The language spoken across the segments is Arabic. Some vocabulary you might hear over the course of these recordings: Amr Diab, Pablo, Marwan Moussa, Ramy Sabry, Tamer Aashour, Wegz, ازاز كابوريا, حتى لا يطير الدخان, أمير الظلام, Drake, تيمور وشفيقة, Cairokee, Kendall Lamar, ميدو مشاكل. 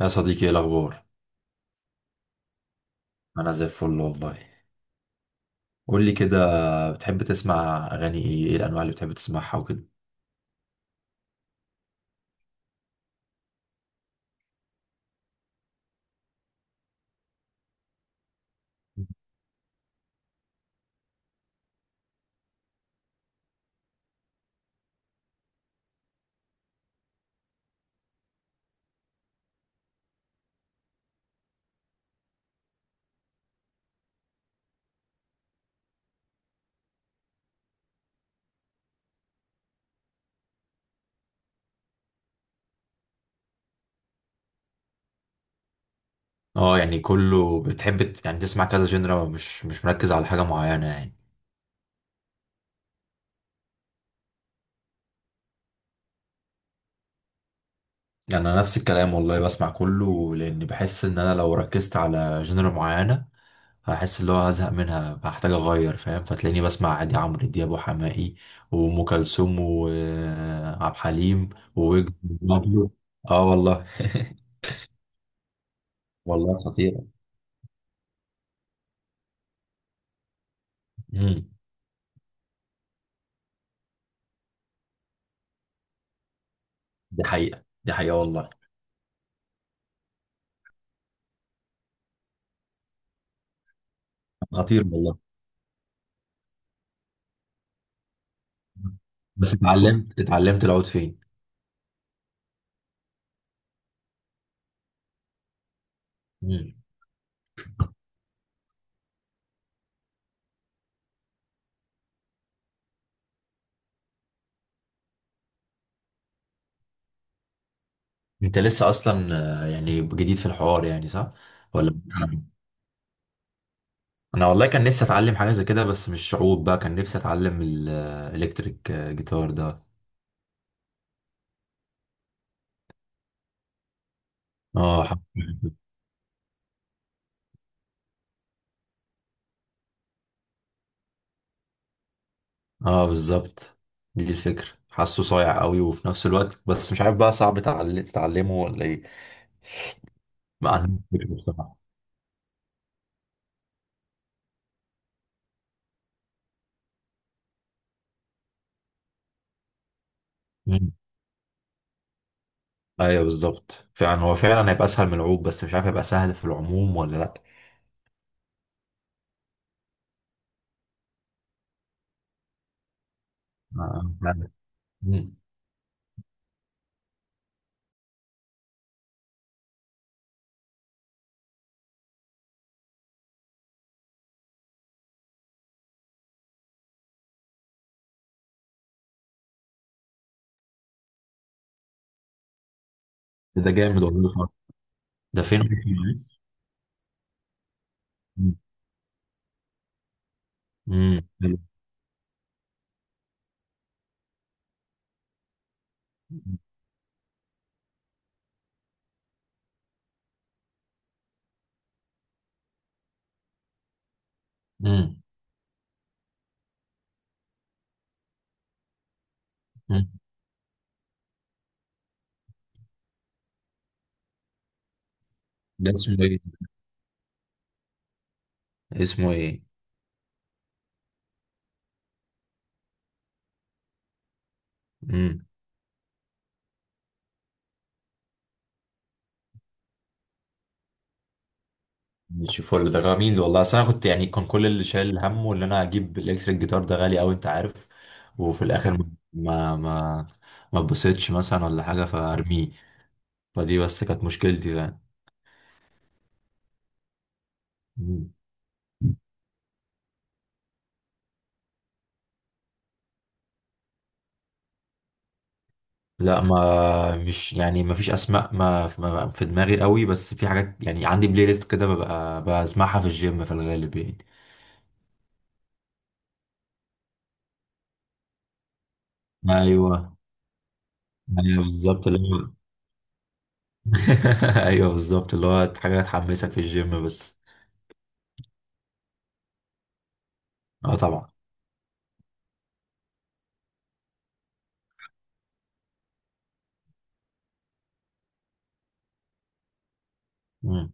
يا صديقي، ايه الاخبار؟ انا زي الفل والله. قول لي كده، بتحب تسمع اغاني ايه؟ ايه الانواع اللي بتحب تسمعها وكده؟ اه يعني كله، بتحب تسمع كذا جنرا، مش مركز على حاجه معينه يعني. يعني انا نفس الكلام والله، بسمع كله لان بحس ان انا لو ركزت على جنرا معينه هحس اللي هو هزهق منها، هحتاج اغير فاهم. فتلاقيني بسمع عادي عمرو دياب وحماقي وام كلثوم وعبد الحليم وويجز وبابلو. اه والله. والله خطيرة. مم. دي حقيقة دي حقيقة والله. خطير والله. بس اتعلمت العود فين؟ مم. انت لسه اصلا يعني جديد في الحوار يعني، صح؟ ولا انا. أنا والله كان نفسي اتعلم حاجة زي كده، بس مش عود بقى، كان نفسي اتعلم الالكتريك جيتار ده. اه اه بالظبط، دي الفكرة، حاسه صايع قوي. وفي نفس الوقت بس مش عارف بقى، صعب تتعلمه ولا ايه؟ ما انا مش فاكر بصراحة. مم. ايوه بالظبط، فعلا هو فعلا هيبقى اسهل من العود، بس مش عارف هيبقى سهل في العموم ولا لا. فعلا. مم. ده جامد والله. ده فين؟ مم. مم. مم. مم. ده اسمه ايه؟ اسمه ايه؟ امم ماشي فل، ده جميل والله. اصل انا كنت، يعني كان كل اللي شايل همه اللي انا اجيب الالكتريك جيتار ده غالي قوي انت عارف. وفي الاخر ما ما اتبسطش مثلا ولا حاجه، فارميه. فدي بس كانت مشكلتي. يعني لا ما مش يعني، ما فيش اسماء في دماغي قوي، بس في حاجات. يعني عندي بلاي ليست كده ببقى بسمعها في الجيم في الغالب يعني. ايوه. ايوه بالظبط اللي هو. ايوه بالظبط اللي هو حاجه تحمسك في الجيم بس. اه طبعا. مم.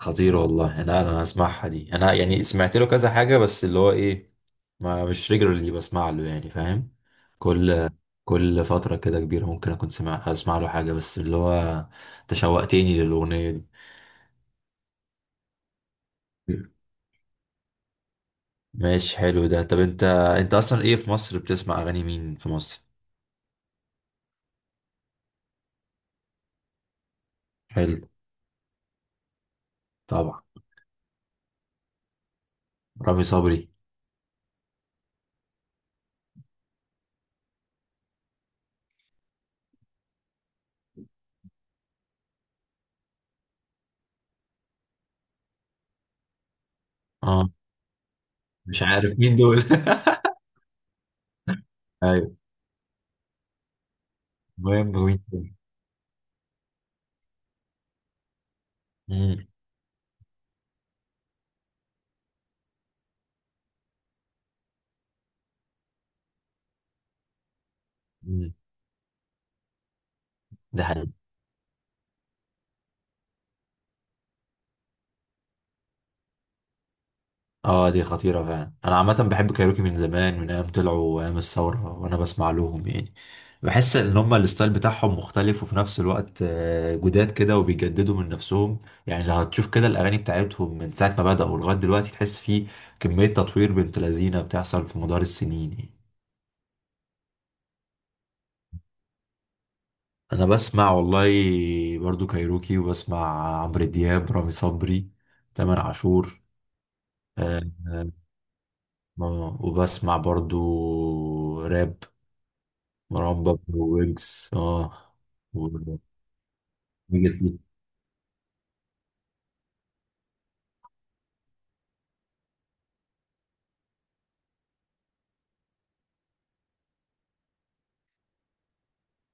خطير والله، انا هسمعها دي. انا يعني سمعت له كذا حاجه، بس اللي هو ايه، ما مش ريجولرلي بسمع له يعني، فاهم؟ كل كل فتره كده كبيره ممكن اكون اسمع له حاجه، بس اللي هو تشوقتني للاغنيه دي. ماشي، حلو ده. طب انت، انت اصلا ايه في مصر، بتسمع اغاني مين في مصر؟ حلو. طبعا. رامي صبري. اه. مش عارف مين دول. ايوه. المهم، مين تاني؟ مم، مم، ده حلو. اه دي خطيرة فعلا. انا عامة بحب كايروكي من زمان، من ايام طلعوا ايام الثورة وانا بسمع لهم يعني. بحس ان هما الستايل بتاعهم مختلف، وفي نفس الوقت جداد كده وبيجددوا من نفسهم. يعني لو هتشوف كده الاغاني بتاعتهم من ساعة ما بدأوا لغاية دلوقتي، تحس في كمية تطوير بنت لذينة بتحصل في مدار السنين يعني. انا بسمع والله برضو كايروكي، وبسمع عمرو دياب، رامي صبري، تامر عاشور. آه، آه، وبسمع برضو راب، مروان بابلو، ويجز. اه، ويجز.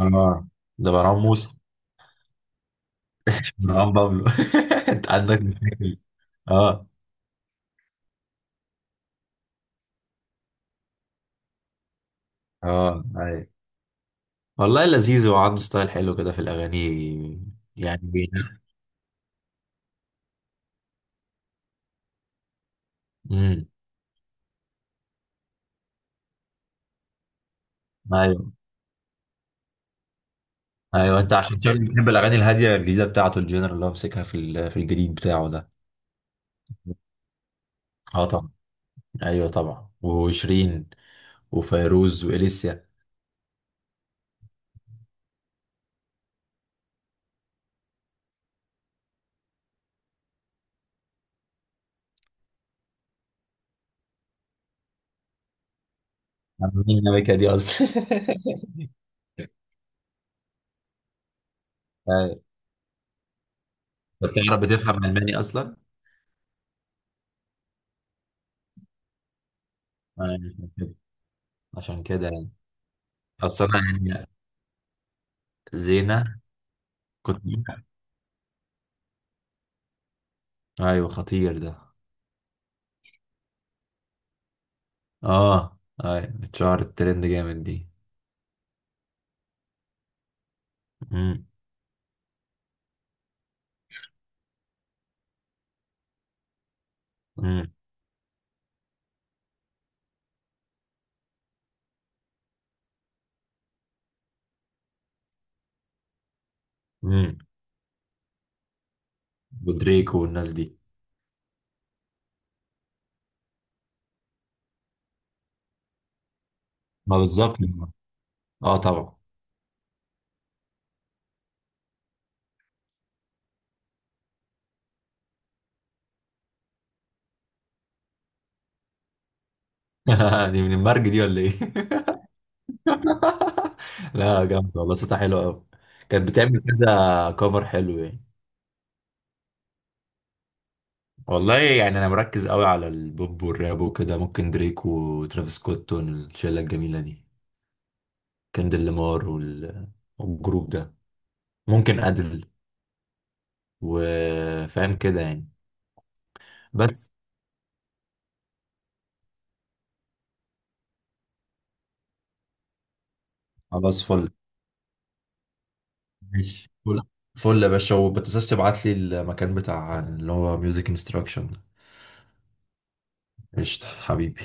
اه. ده مروان موسى. مروان بابلو. انت عندك مشاكل! اه اه. ايوه، والله لذيذ وعنده ستايل حلو كده في الاغاني. يعني بينا. امم ايوه. ايوه انت عشان شكلك بتحب الاغاني الهاديه الجديده بتاعته، الجينر اللي هو مسكها في الجديد بتاعه ده. اه طبعا. ايوه طبعا، وشيرين وفيروز واليسيا. مين النبكه دي اصلا؟ أيوة. انت بتعرف، بتفهم الماني اصلا؟ عشان كده يعني. اصل انا يعني. زينة. كنت. ايوه خطير ده. اه. ايوه اتشهرت، ترند جامد دي. امم امم امم ودريكو والناس دي. ما بالظبط. اه طبعا. دي من المرج دي ولا ايه؟ لا جامد والله، صوتها حلو قوي. كانت بتعمل كذا كفر حلو يعني. والله يعني انا مركز قوي على البوب والراب وكده. ممكن دريك وترافيس سكوت والشله الجميله دي، كندل لامار والجروب ده، ممكن أدل. وفاهم كده يعني. بس. خلاص فل. ماشي فل. فل يا باشا، وما تنساش تبعت لي المكان بتاع اللي هو ميوزك انستراكشن. قشطة حبيبي.